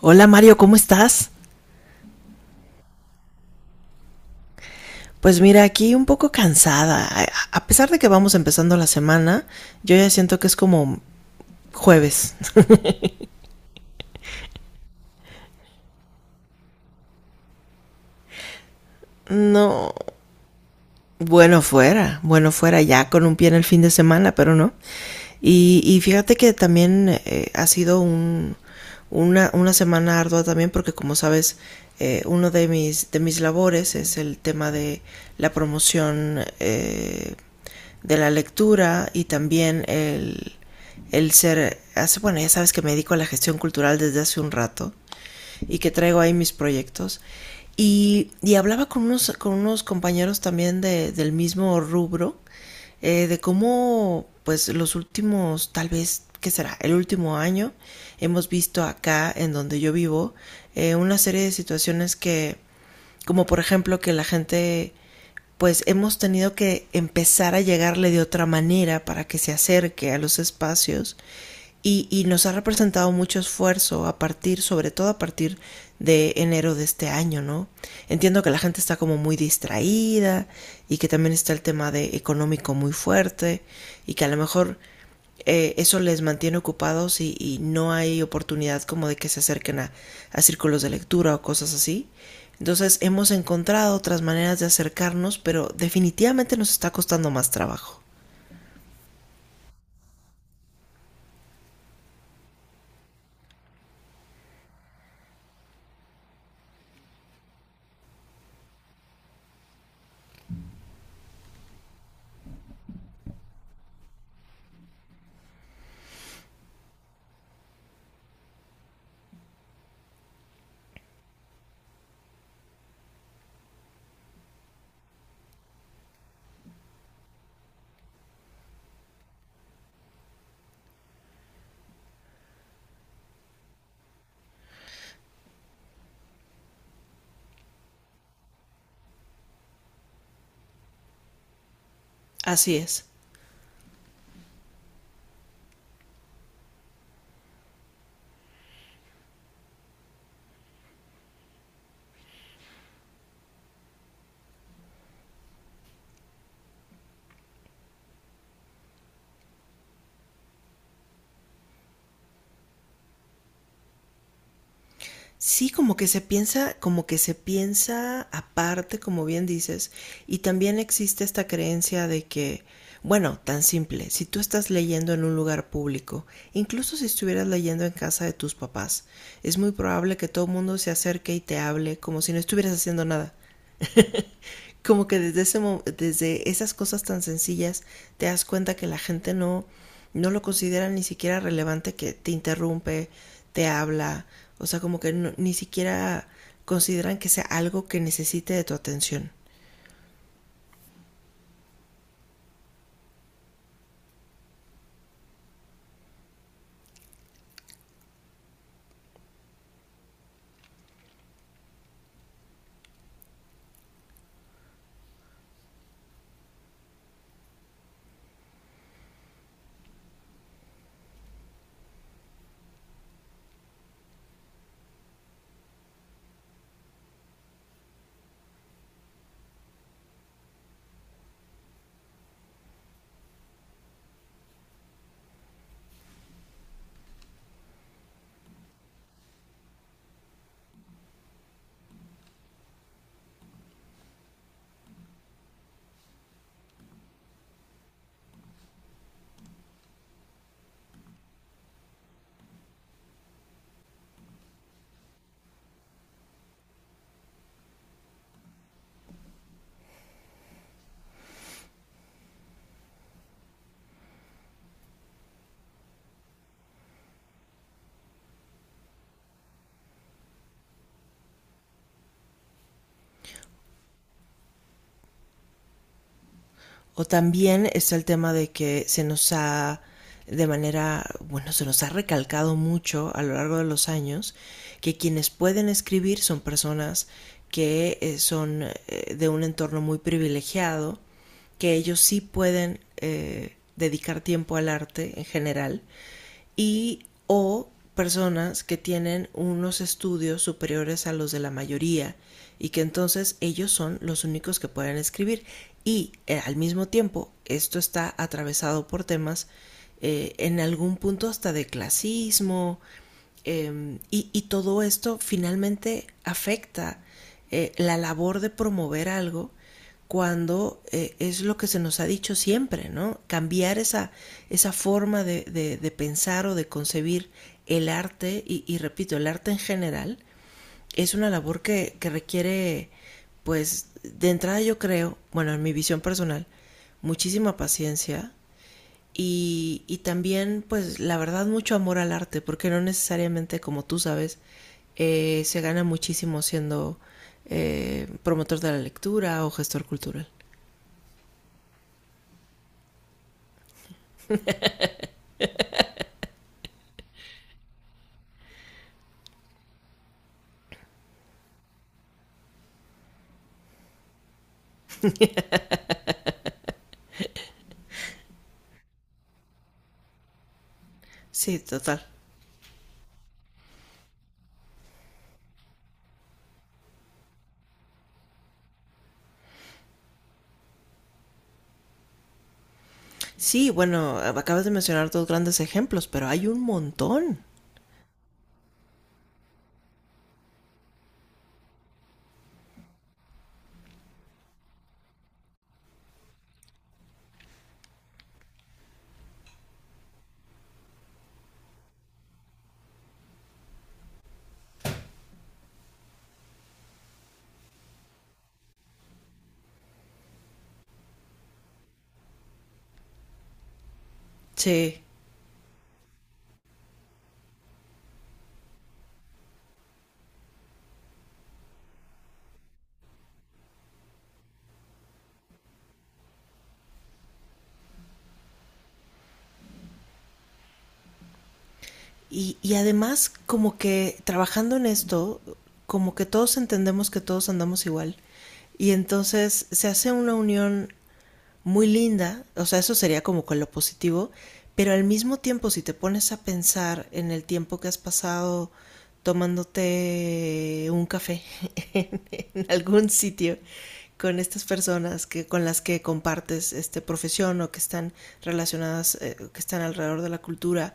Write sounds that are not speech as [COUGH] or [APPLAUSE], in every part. Hola Mario, ¿cómo estás? Pues mira, aquí un poco cansada. A pesar de que vamos empezando la semana, yo ya siento que es como jueves. No, bueno fuera, bueno fuera, ya con un pie en el fin de semana, pero no. Y fíjate que también ha sido una semana ardua también porque como sabes, uno de mis labores es el tema de la promoción de la lectura y también bueno, ya sabes que me dedico a la gestión cultural desde hace un rato y que traigo ahí mis proyectos. Y hablaba con unos compañeros también del mismo rubro, de cómo, pues, los últimos, tal vez, ¿qué será? El último año, hemos visto acá, en donde yo vivo, una serie de situaciones que, como por ejemplo que la gente pues hemos tenido que empezar a llegarle de otra manera para que se acerque a los espacios y nos ha representado mucho esfuerzo a partir, sobre todo a partir de enero de este año, ¿no? Entiendo que la gente está como muy distraída y que también está el tema de económico muy fuerte y que a lo mejor eso les mantiene ocupados y no hay oportunidad como de que se acerquen a círculos de lectura o cosas así. Entonces hemos encontrado otras maneras de acercarnos, pero definitivamente nos está costando más trabajo. Así es. Sí, como que se piensa, como que se piensa aparte, como bien dices, y también existe esta creencia de que, bueno, tan simple, si tú estás leyendo en un lugar público, incluso si estuvieras leyendo en casa de tus papás, es muy probable que todo el mundo se acerque y te hable como si no estuvieras haciendo nada. Como que desde esas cosas tan sencillas te das cuenta que la gente no lo considera ni siquiera relevante que te interrumpe, te habla, o sea, como que no, ni siquiera consideran que sea algo que necesite de tu atención. O también está el tema de que se nos ha recalcado mucho a lo largo de los años que quienes pueden escribir son personas que son de un entorno muy privilegiado que ellos sí pueden dedicar tiempo al arte en general y o personas que tienen unos estudios superiores a los de la mayoría y que entonces ellos son los únicos que pueden escribir y al mismo tiempo esto está atravesado por temas en algún punto hasta de clasismo, y todo esto finalmente afecta la labor de promover algo cuando es lo que se nos ha dicho siempre, ¿no? Cambiar esa forma de pensar o de concebir el arte, repito, el arte en general, es una labor que requiere, pues, de entrada yo creo, bueno, en mi visión personal, muchísima paciencia, y también, pues, la verdad, mucho amor al arte, porque no necesariamente, como tú sabes, se gana muchísimo siendo promotor de la lectura o gestor cultural. Sí, total. Sí, bueno, acabas de mencionar dos grandes ejemplos, pero hay un montón. Sí. Y además, como que trabajando en esto, como que todos entendemos que todos andamos igual. Y entonces se hace una unión muy linda, o sea, eso sería como con lo positivo, pero al mismo tiempo si te pones a pensar en el tiempo que has pasado tomándote un café [LAUGHS] en algún sitio con estas personas que con las que compartes este profesión o que están relacionadas que están alrededor de la cultura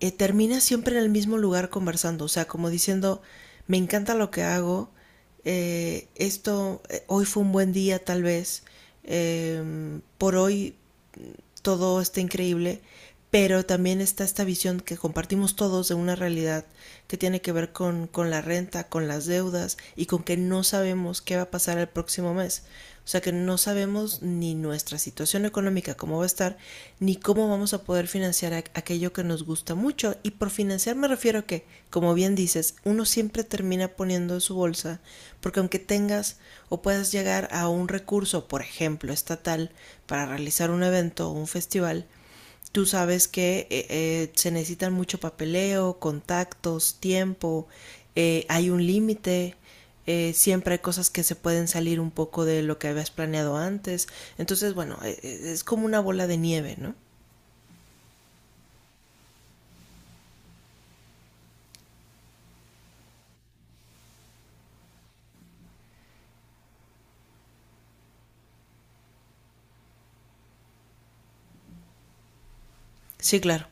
termina siempre en el mismo lugar conversando, o sea, como diciendo, me encanta lo que hago, hoy fue un buen día tal vez, por hoy todo está increíble, pero también está esta visión que compartimos todos de una realidad que tiene que ver con la renta, con las deudas y con que no sabemos qué va a pasar el próximo mes. O sea que no sabemos ni nuestra situación económica cómo va a estar, ni cómo vamos a poder financiar aquello que nos gusta mucho. Y por financiar me refiero a que, como bien dices, uno siempre termina poniendo en su bolsa, porque aunque tengas o puedas llegar a un recurso, por ejemplo, estatal, para realizar un evento o un festival, tú sabes que se necesitan mucho papeleo, contactos, tiempo, hay un límite, siempre hay cosas que se pueden salir un poco de lo que habías planeado antes. Entonces, bueno, es como una bola de nieve, ¿no? Sí, claro.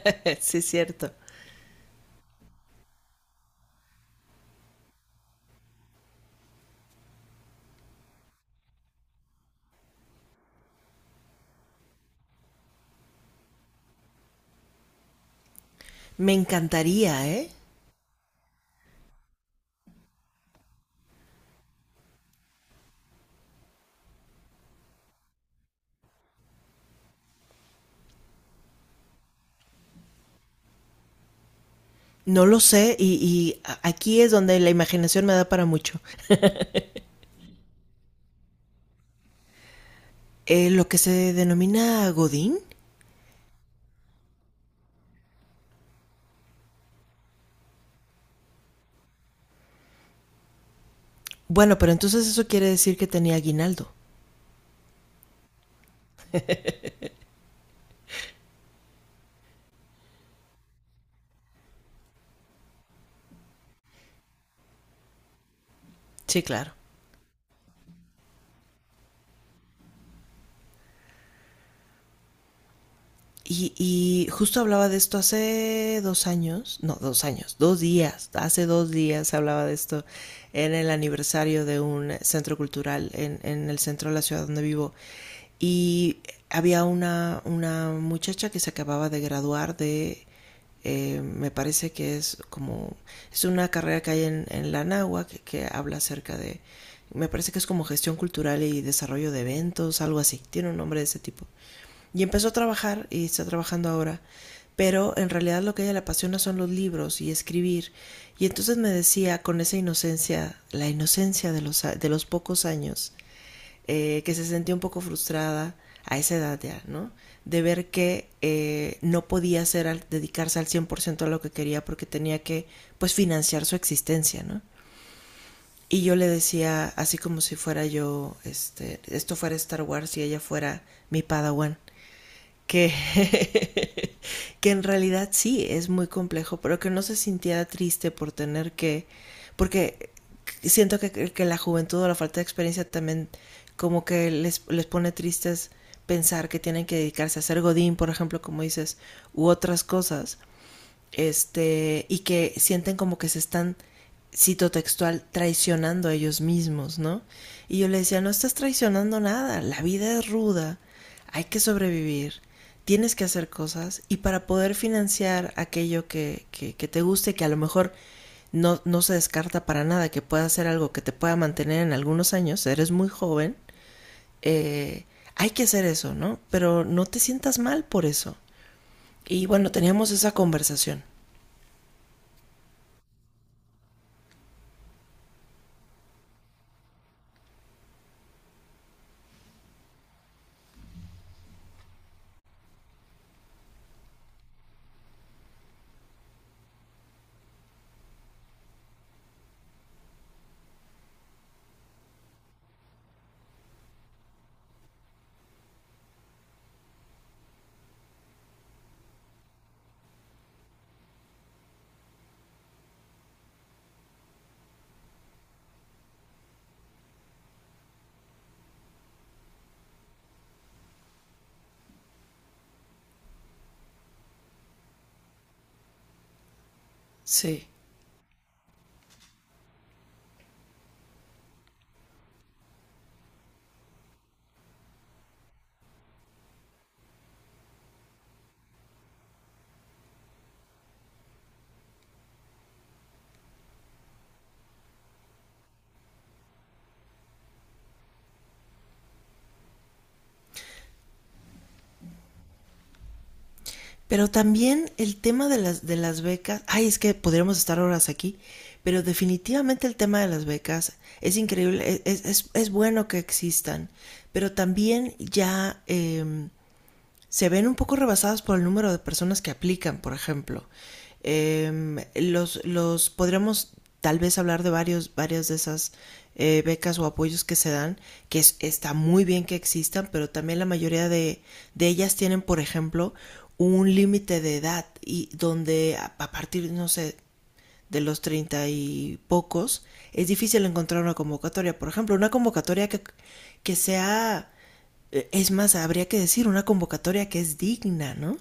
[LAUGHS] Sí, es cierto. Me encantaría, ¿eh? No lo sé y aquí es donde la imaginación me da para mucho. Lo que se denomina Godín. Bueno, pero entonces eso quiere decir que tenía aguinaldo. Sí, claro. Y justo hablaba de esto hace 2 años, no, 2 años, 2 días, hace 2 días hablaba de esto en el aniversario de un centro cultural en el centro de la ciudad donde vivo. Y había una muchacha que se acababa de graduar me parece que es como, es una carrera que hay en la Nahua que habla acerca de, me parece que es como gestión cultural y desarrollo de eventos, algo así, tiene un nombre de ese tipo. Y empezó a trabajar y está trabajando ahora, pero en realidad lo que a ella le apasiona son los libros y escribir. Y entonces me decía con esa inocencia, la inocencia de los pocos años, que se sentía un poco frustrada a esa edad ya, ¿no? De ver que no podía dedicarse al 100% a lo que quería porque tenía que, pues, financiar su existencia, ¿no? Y yo le decía, así como si fuera yo, este, esto fuera Star Wars y ella fuera mi Padawan, que, [LAUGHS] que en realidad sí es muy complejo, pero que no se sintiera triste por tener que, porque siento que, la juventud o la falta de experiencia también como que les pone tristes pensar que tienen que dedicarse a ser godín, por ejemplo, como dices, u otras cosas, este, y que sienten como que se están, cito textual, traicionando a ellos mismos, ¿no? Y yo le decía, no estás traicionando nada, la vida es ruda, hay que sobrevivir, tienes que hacer cosas y para poder financiar aquello que te guste, que a lo mejor no, no se descarta para nada, que pueda ser algo que te pueda mantener en algunos años, eres muy joven, eh, hay que hacer eso, ¿no? Pero no te sientas mal por eso. Y bueno, teníamos esa conversación. Sí. Pero también el tema de las becas, ay, es que podríamos estar horas aquí, pero definitivamente el tema de las becas es increíble, es bueno que existan, pero también ya se ven un poco rebasadas por el número de personas que aplican, por ejemplo. Los podríamos tal vez hablar de varias de esas becas o apoyos que se dan, que es, está muy bien que existan, pero también la mayoría de ellas tienen, por ejemplo, un límite de edad y donde a partir, no sé, de los treinta y pocos, es difícil encontrar una convocatoria. Por ejemplo, una convocatoria que sea es más, habría que decir una convocatoria que es digna, ¿no?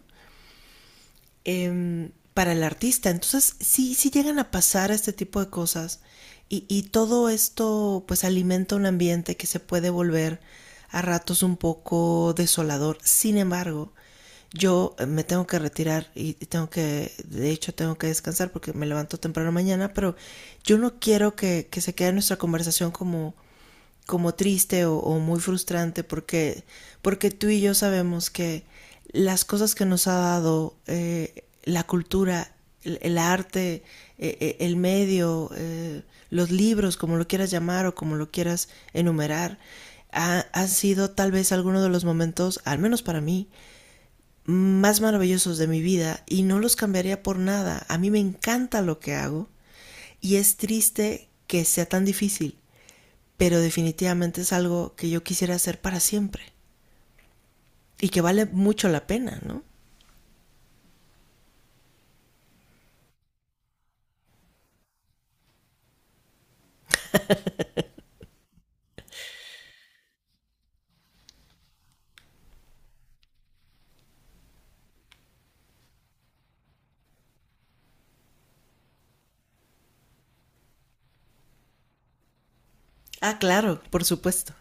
Para el artista. Entonces, sí, sí llegan a pasar este tipo de cosas y todo esto pues alimenta un ambiente que se puede volver a ratos un poco desolador. Sin embargo, yo me tengo que retirar y de hecho, tengo que descansar porque me levanto temprano mañana, pero yo no quiero que se quede nuestra conversación como triste o muy frustrante porque tú y yo sabemos que las cosas que nos ha dado la cultura, el arte, el medio, los libros, como lo quieras llamar o como lo quieras enumerar, han sido tal vez algunos de los momentos, al menos para mí, más maravillosos de mi vida y no los cambiaría por nada. A mí me encanta lo que hago y es triste que sea tan difícil pero definitivamente es algo que yo quisiera hacer para siempre y que vale mucho la pena, ¿no? Ah, claro, por supuesto.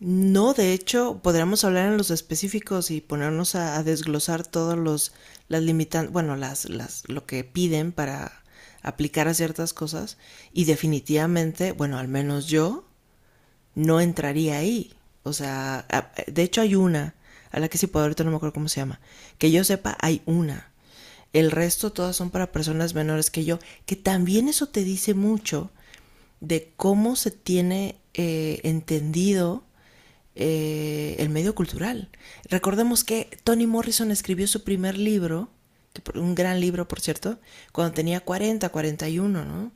No, de hecho, podríamos hablar en los específicos y ponernos a desglosar todos los las limitan, bueno, las lo que piden para aplicar a ciertas cosas y definitivamente, bueno, al menos yo no entraría ahí. O sea, de hecho hay una, a la que sí puedo, ahorita no me acuerdo cómo se llama. Que yo sepa, hay una. El resto todas son para personas menores que yo, que también eso te dice mucho de cómo se tiene entendido el medio cultural. Recordemos que Toni Morrison escribió su primer libro, que un gran libro por cierto, cuando tenía 40, 41, ¿no?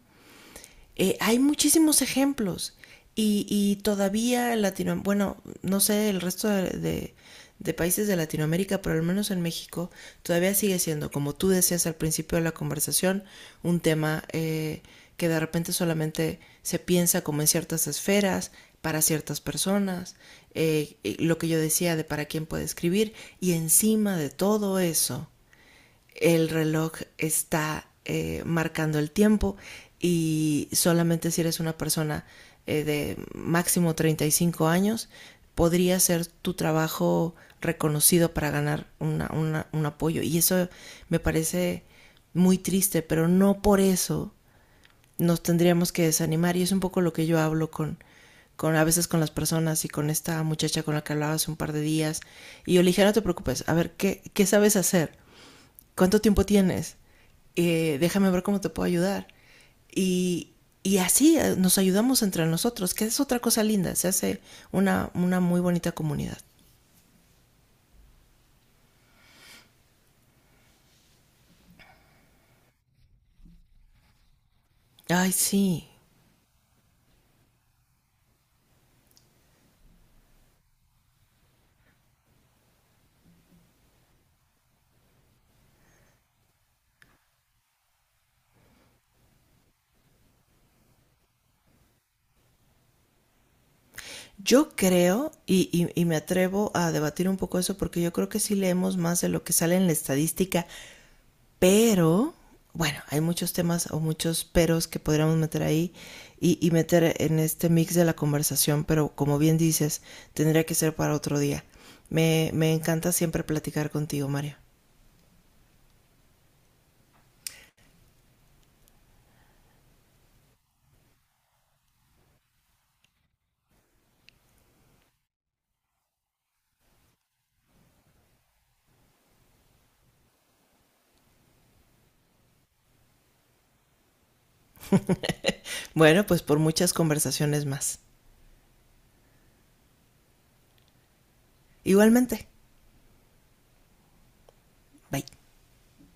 Hay muchísimos ejemplos y todavía en Latinoamérica, bueno, no sé el resto de países de Latinoamérica, pero al menos en México todavía sigue siendo, como tú decías al principio de la conversación, un tema que de repente solamente se piensa como en ciertas esferas, para ciertas personas, lo que yo decía de para quién puede escribir, y encima de todo eso el reloj está marcando el tiempo y solamente si eres una persona de máximo 35 años, podría ser tu trabajo reconocido para ganar un apoyo. Y eso me parece muy triste, pero no por eso nos tendríamos que desanimar. Y es un poco lo que yo hablo con a veces con las personas y con esta muchacha con la que hablaba hace un par de días. Y yo le dije, no te preocupes, a ver, ¿qué sabes hacer? ¿Cuánto tiempo tienes? Déjame ver cómo te puedo ayudar. Y, y así nos ayudamos entre nosotros, que es otra cosa linda, se hace una muy bonita comunidad. Ay, sí. Yo creo, y me atrevo a debatir un poco eso, porque yo creo que sí leemos más de lo que sale en la estadística. Pero, bueno, hay muchos temas o muchos peros que podríamos meter ahí y meter en este mix de la conversación, pero como bien dices, tendría que ser para otro día. Me encanta siempre platicar contigo, Mario. Bueno, pues por muchas conversaciones más. Igualmente. Bye.